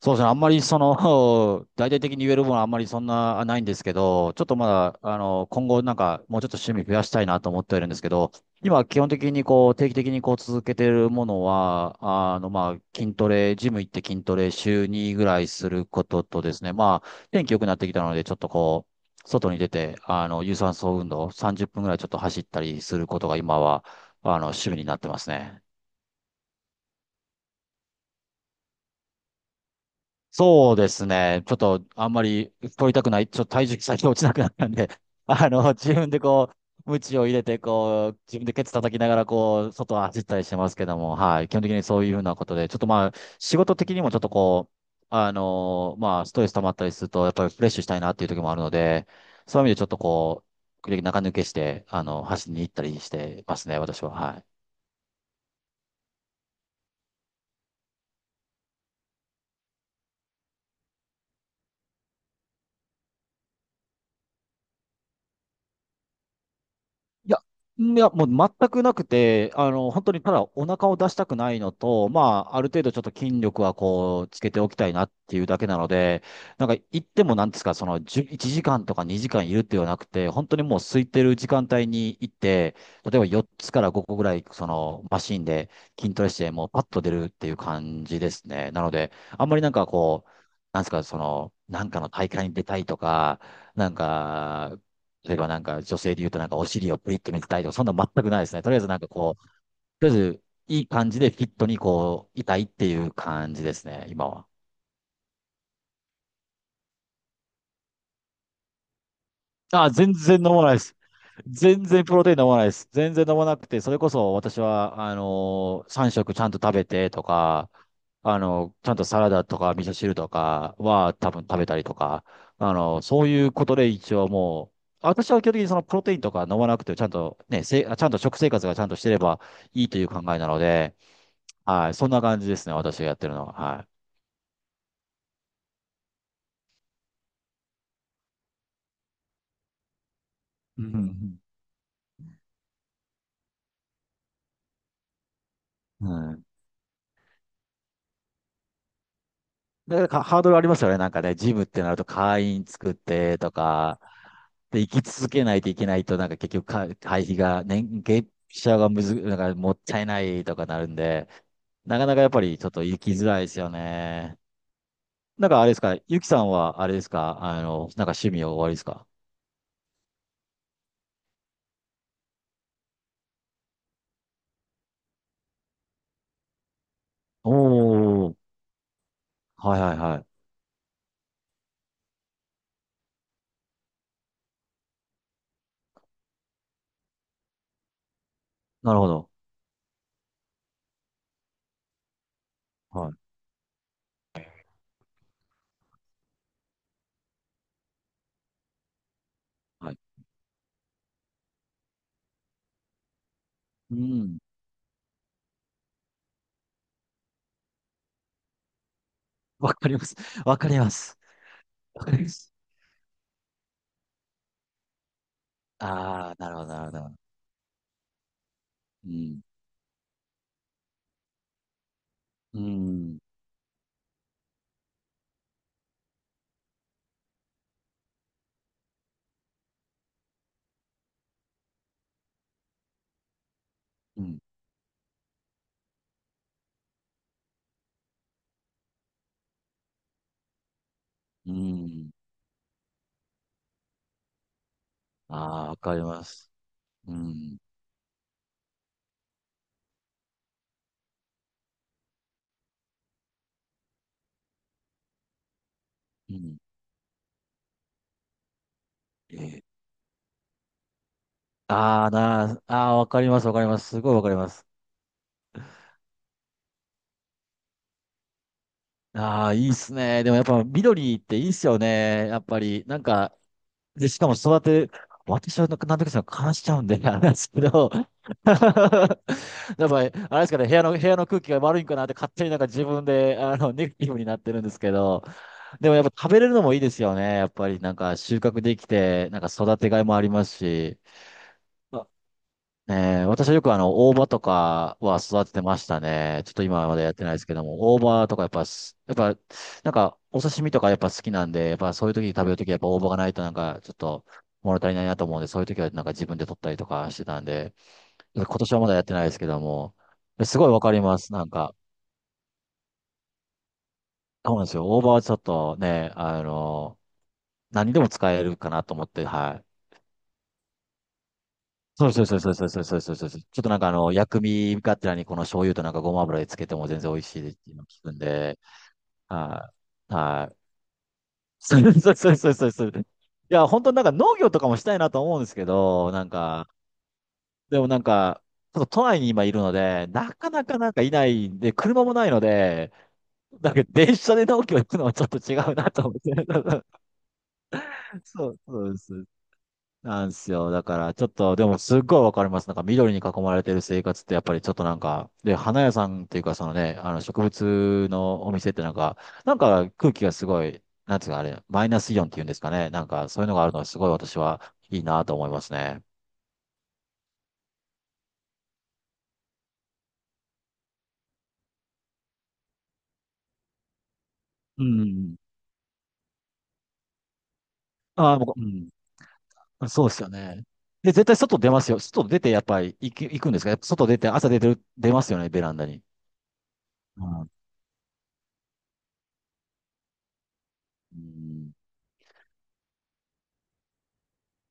そうですね。あんまりその、大々的に言えるものはあんまりそんなないんですけど、ちょっとまだ、今後なんかもうちょっと趣味増やしたいなと思ってはいるんですけど、今基本的にこう、定期的にこう続けてるものは、筋トレ、ジム行って筋トレ週2ぐらいすることとですね、まあ、天気良くなってきたので、ちょっとこう、外に出て、有酸素運動30分ぐらいちょっと走ったりすることが今は、趣味になってますね。そうですね。ちょっと、あんまり取りたくない。ちょっと体重先落ちなくなったんで、自分でこう、鞭を入れて、こう、自分でケツ叩きながら、こう、外を走ったりしてますけども、はい。基本的にそういうふうなことで、ちょっとまあ、仕事的にもちょっとこう、ストレス溜まったりすると、やっぱりフレッシュしたいなっていう時もあるので、そういう意味でちょっとこう、時々中抜けして、走りに行ったりしてますね、私は。はい。いや、いや、もう全くなくて、本当にただお腹を出したくないのと、まあ、ある程度ちょっと筋力はこう、つけておきたいなっていうだけなので、なんか行ってもなんですか、その、1時間とか2時間いるっていうのはなくて、本当にもう空いてる時間帯に行って、例えば4つから5個ぐらい、その、マシンで筋トレして、もうパッと出るっていう感じですね。なので、あんまりなんかこう、なんですか、その、なんかの大会に出たいとか、なんか、例えばなんか女性で言うとなんかお尻をプリッと見せたいとか、そんな全くないですね。とりあえずいい感じでフィットにこう、いたいっていう感じですね、今は。あ、全然飲まないです。全然プロテイン飲まないです。全然飲まなくて、それこそ私は、3食ちゃんと食べてとか、ちゃんとサラダとか味噌汁とかは多分食べたりとか、そういうことで一応もう、私は基本的にそのプロテインとか飲まなくて、ちゃんと食生活がちゃんとしてればいいという考えなので、はい、そんな感じですね、私がやってるのは。はい。うんうんうん。だからかハードルありますよね。なんかね、ジムってなると会員作ってとか、で、生き続けないといけないと、なんか結局か、会費がね、年月謝がむず、なんかもったいないとかなるんで、なかなかやっぱりちょっと行きづらいですよね。なんかあれですか、ゆきさんはあれですか、なんか趣味は終わりですか？おー、はいはいはい。なるほど。はい。はい。うん。わかります。わかります。わかります。ああ、なるほど、なるほど。うん。うん。うん。うん。ああ、わかります。うん。うん。えーああ、あーわかります、わかります。すごいわかります。ああ、いいっすね。でもやっぱ緑っていいっすよね。やっぱり、なんか、で、しかも育て、私はなんかなんとかさ、悲しちゃうんで、あれなんですけど、やっぱり、あれですかね、部屋の空気が悪いんかなって勝手になんか自分で、ネガティブになってるんですけど、でもやっぱ食べれるのもいいですよね。やっぱりなんか収穫できて、なんか育てがいもありますし。えー、私はよく大葉とかは育ててましたね。ちょっと今までやってないですけども、大葉とかやっぱす、やっぱ、なんか、お刺身とかやっぱ好きなんで、やっぱそういう時に食べる時はやっぱ大葉がないとなんか、ちょっと物足りないなと思うんで、そういう時はなんか自分で取ったりとかしてたんで、今年はまだやってないですけども、すごいわかります。なんか、そうなんですよ。大葉はちょっとね、何でも使えるかなと思って、はい。そうそうそうそうそうそうそうですそうですそう。ちょっとなんかあの、薬味がてらにこの醤油となんかごま油でつけても全然美味しいっていうのを聞くんで、はい。はい。そう。いや、本当になんか農業とかもしたいなと思うんですけど、なんか、でもなんか、ちょっと都内に今いるので、なかなかなんかいないんで、車もないので、なんか電車で農業行くのはちょっと違うなと思って。そうです。なんですよ。だから、ちょっと、でも、すっごいわかります。なんか、緑に囲まれてる生活って、やっぱりちょっとなんか、で、花屋さんっていうか、そのね、植物のお店ってなんか、なんか空気がすごい、なんつうか、あれ、マイナスイオンっていうんですかね。なんか、そういうのがあるのは、すごい私はいいなと思いますね。うん。ああ、もううん。そうですよね。で、絶対外出ますよ。外出て、やっぱり行く、行くんですかやっぱ外出て、朝出てる、出ますよね、ベランダに。うんうん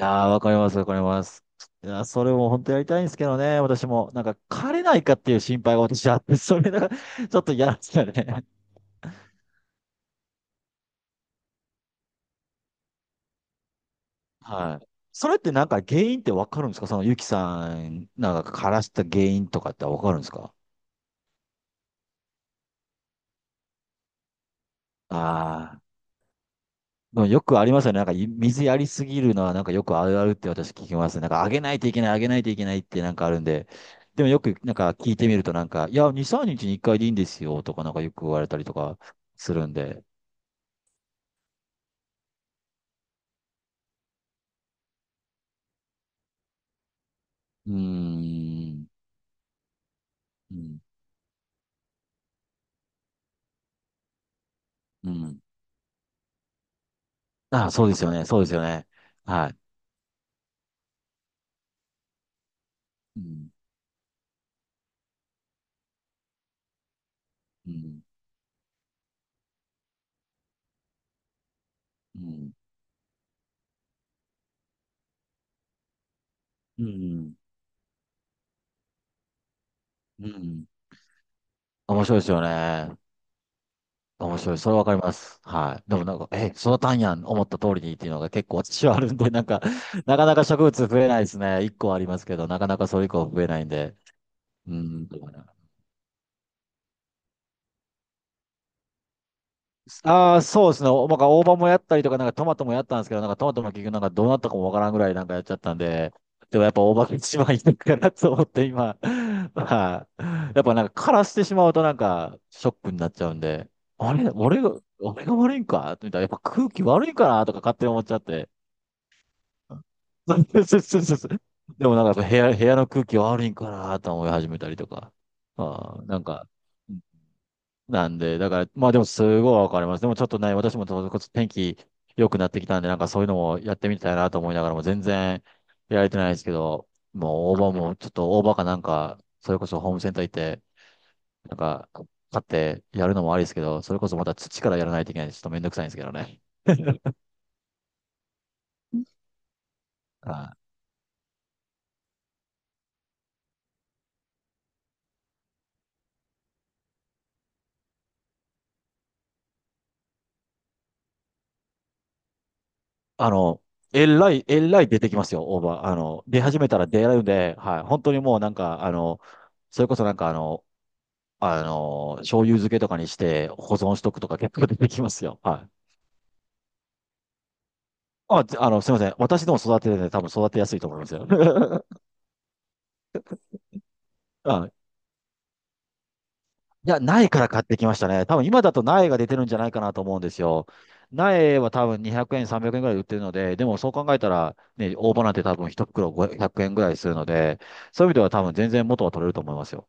ああ、わかります、わかります。いや、それも本当やりたいんですけどね、私も。なんか、枯れないかっていう心配が私あって、それがちょっと嫌なんですよね。はい。それってなんか原因ってわかるんですか？そのゆきさん、なんか枯らした原因とかってわかるんですか？ああ、でもよくありますよね。なんかい水やりすぎるのはなんかよくあるあるって私聞きますね。なんかあげないといけない、あげないといけないってなんかあるんで。でもよくなんか聞いてみるとなんか、いや、2、3日に1回でいいんですよとかなんかよく言われたりとかするんで。うーん。うん。うん。ああ、そうですよね。はい。うん。うん。うん。うん。うん。面白いですよね。面白い。それわかります。はい。でもなんか、え、育たんやん、思った通りにっていうのが結構私はあるんで、なんか、なかなか植物増えないですね。一個はありますけど、なかなかそれ以降増えないんで。うん。ああ、そうですね。なんか大葉もやったりとか、なんかトマトもやったんですけど、なんかトマトも結局なんかどうなったかもわからんぐらいなんかやっちゃったんで、でもやっぱ大葉が一番いいのかなと思って今、はい。やっぱなんか枯らしてしまうとなんかショックになっちゃうんで、あれ、俺が悪いんかみたいな、やっぱ空気悪いかなとか勝手に思っちゃって。そうそうそうそうそう。でもなんかやっぱ部屋の空気悪いんかなと思い始めたりとか、ああ、なんか、なんで、だから、まあでもすごいわかります。でもちょっとね、私もちょっと天気良くなってきたんで、なんかそういうのもやってみたいなと思いながらも全然やれてないですけど、もう大葉も、ちょっと大葉かなんか、それこそホームセンター行って、なんか買ってやるのもありですけど、それこそまた土からやらないといけないんで、ちょっとめんどくさいんですけどね。はい。あの、えらい出てきますよ、大葉。出始めたら出るんで、はい。本当にもうなんか、あの、それこそなんかあの、あの、醤油漬けとかにして保存しとくとか結構出てきますよ。はい。すみません。私でも育ててるんで多分育てやすいと思いますよ。うん。いや、苗から買ってきましたね。多分今だと苗が出てるんじゃないかなと思うんですよ。苗は多分200円、300円ぐらいで売ってるので、でもそう考えたら、ね、大葉なんて多分一袋500円ぐらいするので、そういう意味では多分全然元は取れると思いますよ。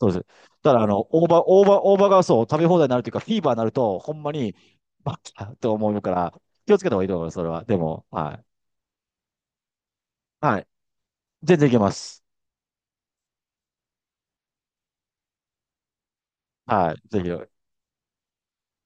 そうです。だから、大葉がそう、食べ放題になるというか、フィーバーになると、ほんまに、バカと思うから、気をつけた方がいいと思います、それは。でも、はい。はい。全然いけます。はい。ぜひ。